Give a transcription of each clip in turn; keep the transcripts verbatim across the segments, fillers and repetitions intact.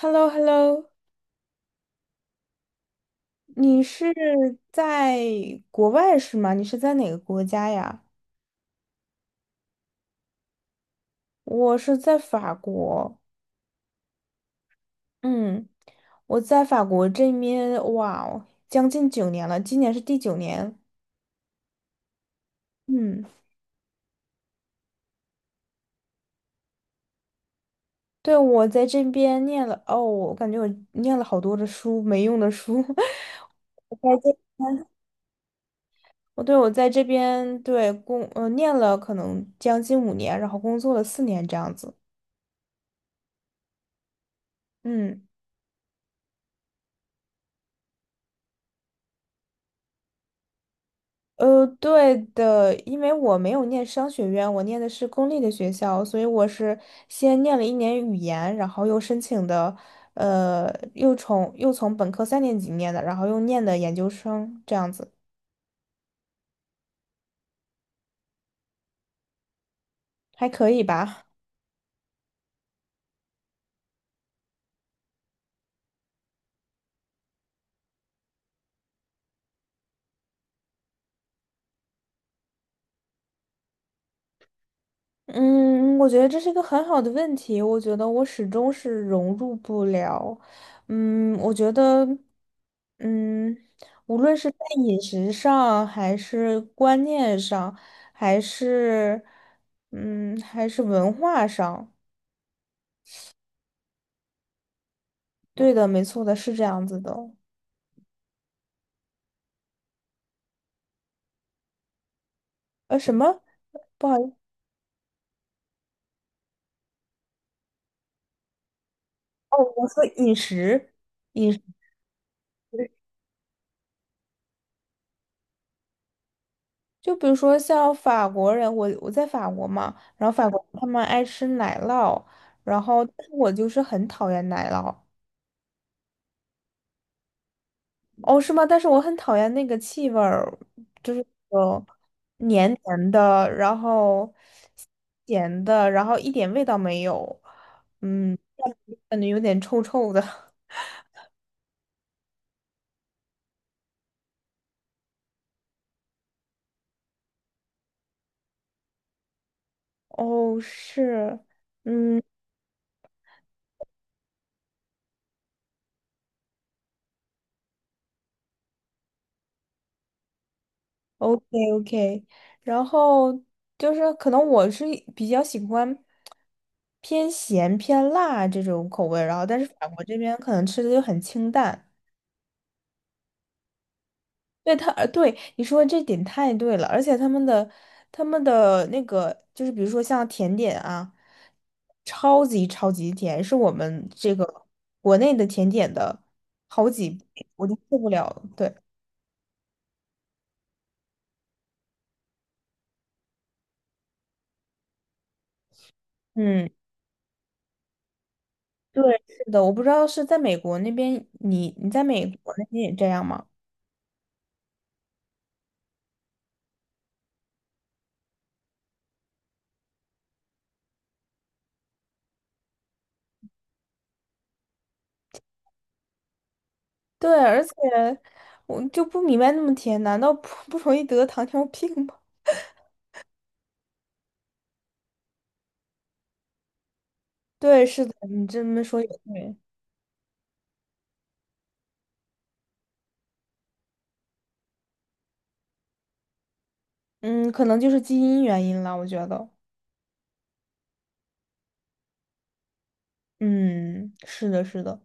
h e l l o h e l l o 你是在国外是吗？你是在哪个国家呀？我是在法国，嗯，我在法国这边，哇哦，将近九年了，今年是第九年，嗯，对，我在这边念了，哦，我感觉我念了好多的书，没用的书，我在这，我对我在这边对工，呃，念了可能将近五年，然后工作了四年这样子，嗯。呃，对的，因为我没有念商学院，我念的是公立的学校，所以我是先念了一年语言，然后又申请的，呃，又从又从本科三年级念的，然后又念的研究生，这样子还可以吧。嗯，我觉得这是一个很好的问题。我觉得我始终是融入不了。嗯，我觉得，嗯，无论是在饮食上，还是观念上，还是，嗯，还是文化上，对的，没错的，是这样子的哦。呃，什么？不好意思，哦，我说饮食，饮食。就比如说像法国人，我我在法国嘛，然后法国他们爱吃奶酪，然后但是我就是很讨厌奶酪。哦，是吗？但是我很讨厌那个气味儿，就是那种黏黏的，然后咸的，然后一点味道没有，嗯，感觉有点臭臭的。哦，是，嗯，OK OK，然后就是可能我是比较喜欢。偏咸偏辣这种口味，然后但是法国这边可能吃的就很清淡。对他，呃对你说的这点太对了，而且他们的他们的那个就是比如说像甜点啊，超级超级甜，是我们这个国内的甜点的好几倍，我就受不了了。对，嗯，对，是的，我不知道是在美国那边，你你在美国那边也这样吗？对，而且我就不明白那么甜，难道不不容易得糖尿病吗？对，是的，你这么说也对。嗯，可能就是基因原因了，我觉得。嗯，是的，是的。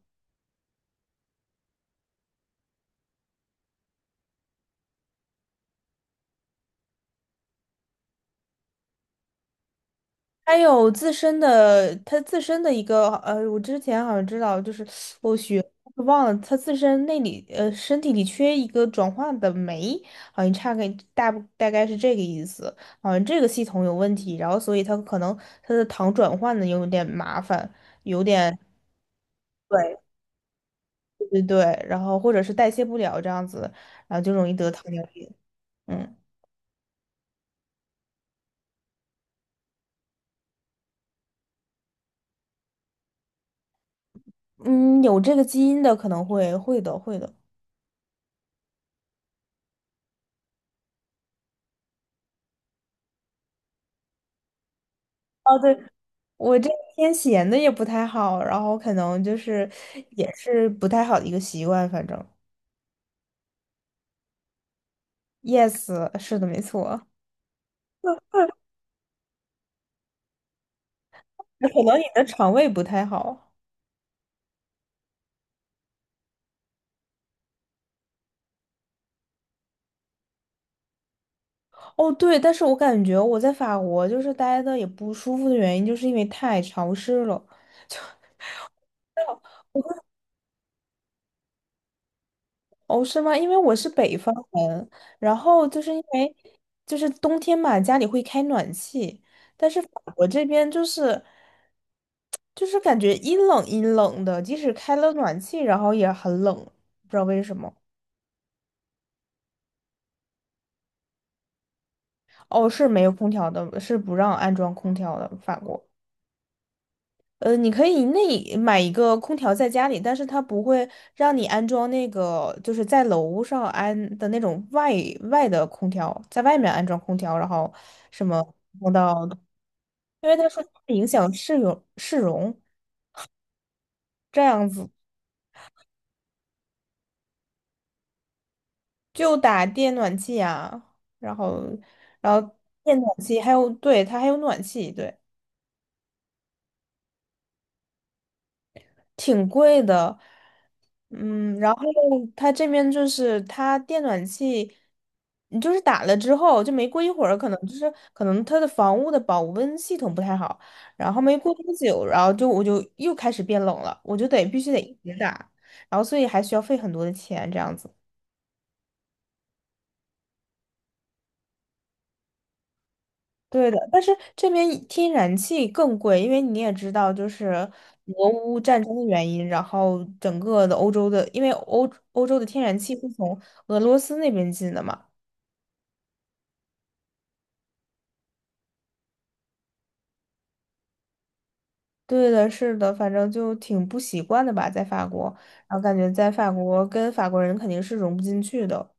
还有自身的，他自身的一个，呃，我之前好像知道，就是我学忘了，他自身那里，呃，身体里缺一个转换的酶，好像差个大大概是这个意思。好像这个系统有问题，然后所以他可能他的糖转换的有点麻烦，有点对对对，然后或者是代谢不了这样子，然后就容易得糖尿病。嗯嗯，有这个基因的可能会会的会的。哦，对，我这个天闲的也不太好，然后可能就是也是不太好的一个习惯，反正。Yes，是的，没错。那可能你的肠胃不太好。哦，对，但是我感觉我在法国就是待的也不舒服的原因，就是因为太潮湿了。哦，是吗？因为我是北方人，然后就是因为就是冬天嘛，家里会开暖气，但是法国这边就是就是感觉阴冷阴冷的，即使开了暖气，然后也很冷，不知道为什么。哦，是没有空调的，是不让安装空调的，法国。呃，你可以那买一个空调在家里，但是它不会让你安装那个，就是在楼上安的那种外外的空调，在外面安装空调，然后什么弄到，因为他说会影响市容市容，这样子就打电暖气啊，然后然后电暖气还有，对，它还有暖气，对。挺贵的，嗯，然后它这边就是它电暖气，你就是打了之后就没过一会儿，可能就是可能它的房屋的保温系统不太好，然后没过多久，然后就我就又开始变冷了，我就得必须得一直打，然后所以还需要费很多的钱这样子。对的，但是这边天然气更贵，因为你也知道，就是俄乌战争的原因，然后整个的欧洲的，因为欧欧洲的天然气是从俄罗斯那边进的嘛。对的，是的，反正就挺不习惯的吧，在法国，然后感觉在法国跟法国人肯定是融不进去的。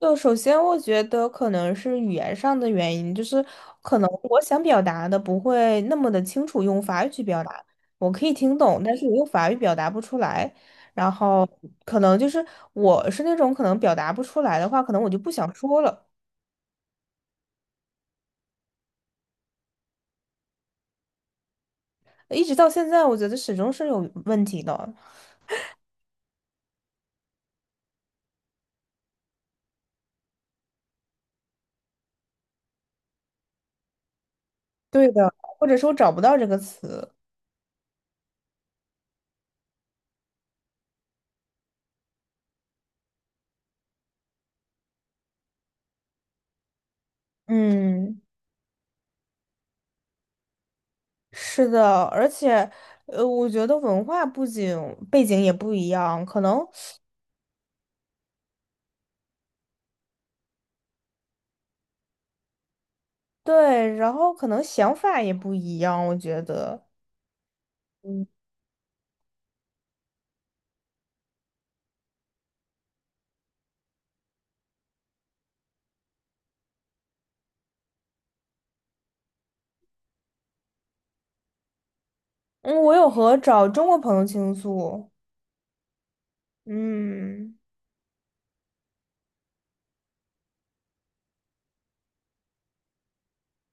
就首先，我觉得可能是语言上的原因，就是可能我想表达的不会那么的清楚，用法语去表达，我可以听懂，但是我用法语表达不出来。然后可能就是我是那种可能表达不出来的话，可能我就不想说了。一直到现在，我觉得始终是有问题的。对的，或者说找不到这个词。嗯，是的，而且，呃，我觉得文化不仅背景也不一样，可能对，然后可能想法也不一样，我觉得。嗯嗯，我有和找中国朋友倾诉，嗯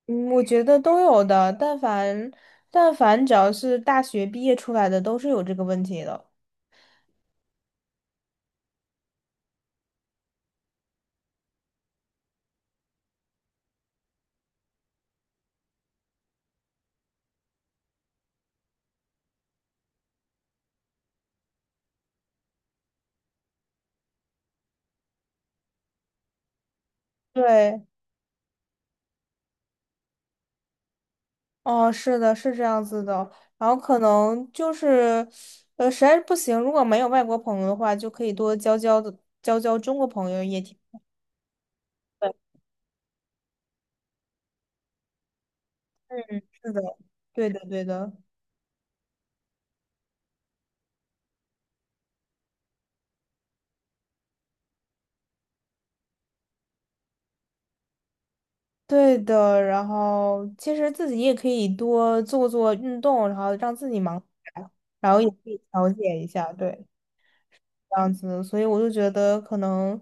嗯，我觉得都有的，但凡但凡只要是大学毕业出来的，都是有这个问题的。对，哦，是的，是这样子的。然后可能就是，呃，实在是不行，如果没有外国朋友的话，就可以多交交的交交中国朋友也挺。是的，对的，对的。对的，然后其实自己也可以多做做运动，然后让自己忙起来，然后也可以调节一下，对，这样子。所以我就觉得可能，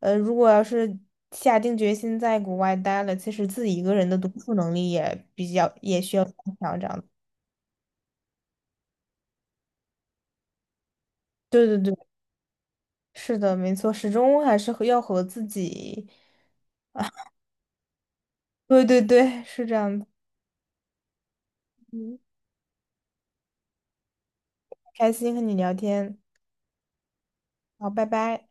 呃，如果要是下定决心在国外待了，其实自己一个人的独处能力也比较也需要加强，这样子。对对对，是的，没错，始终还是和要和自己，对对对，是这样的。嗯，开心和你聊天，好，拜拜。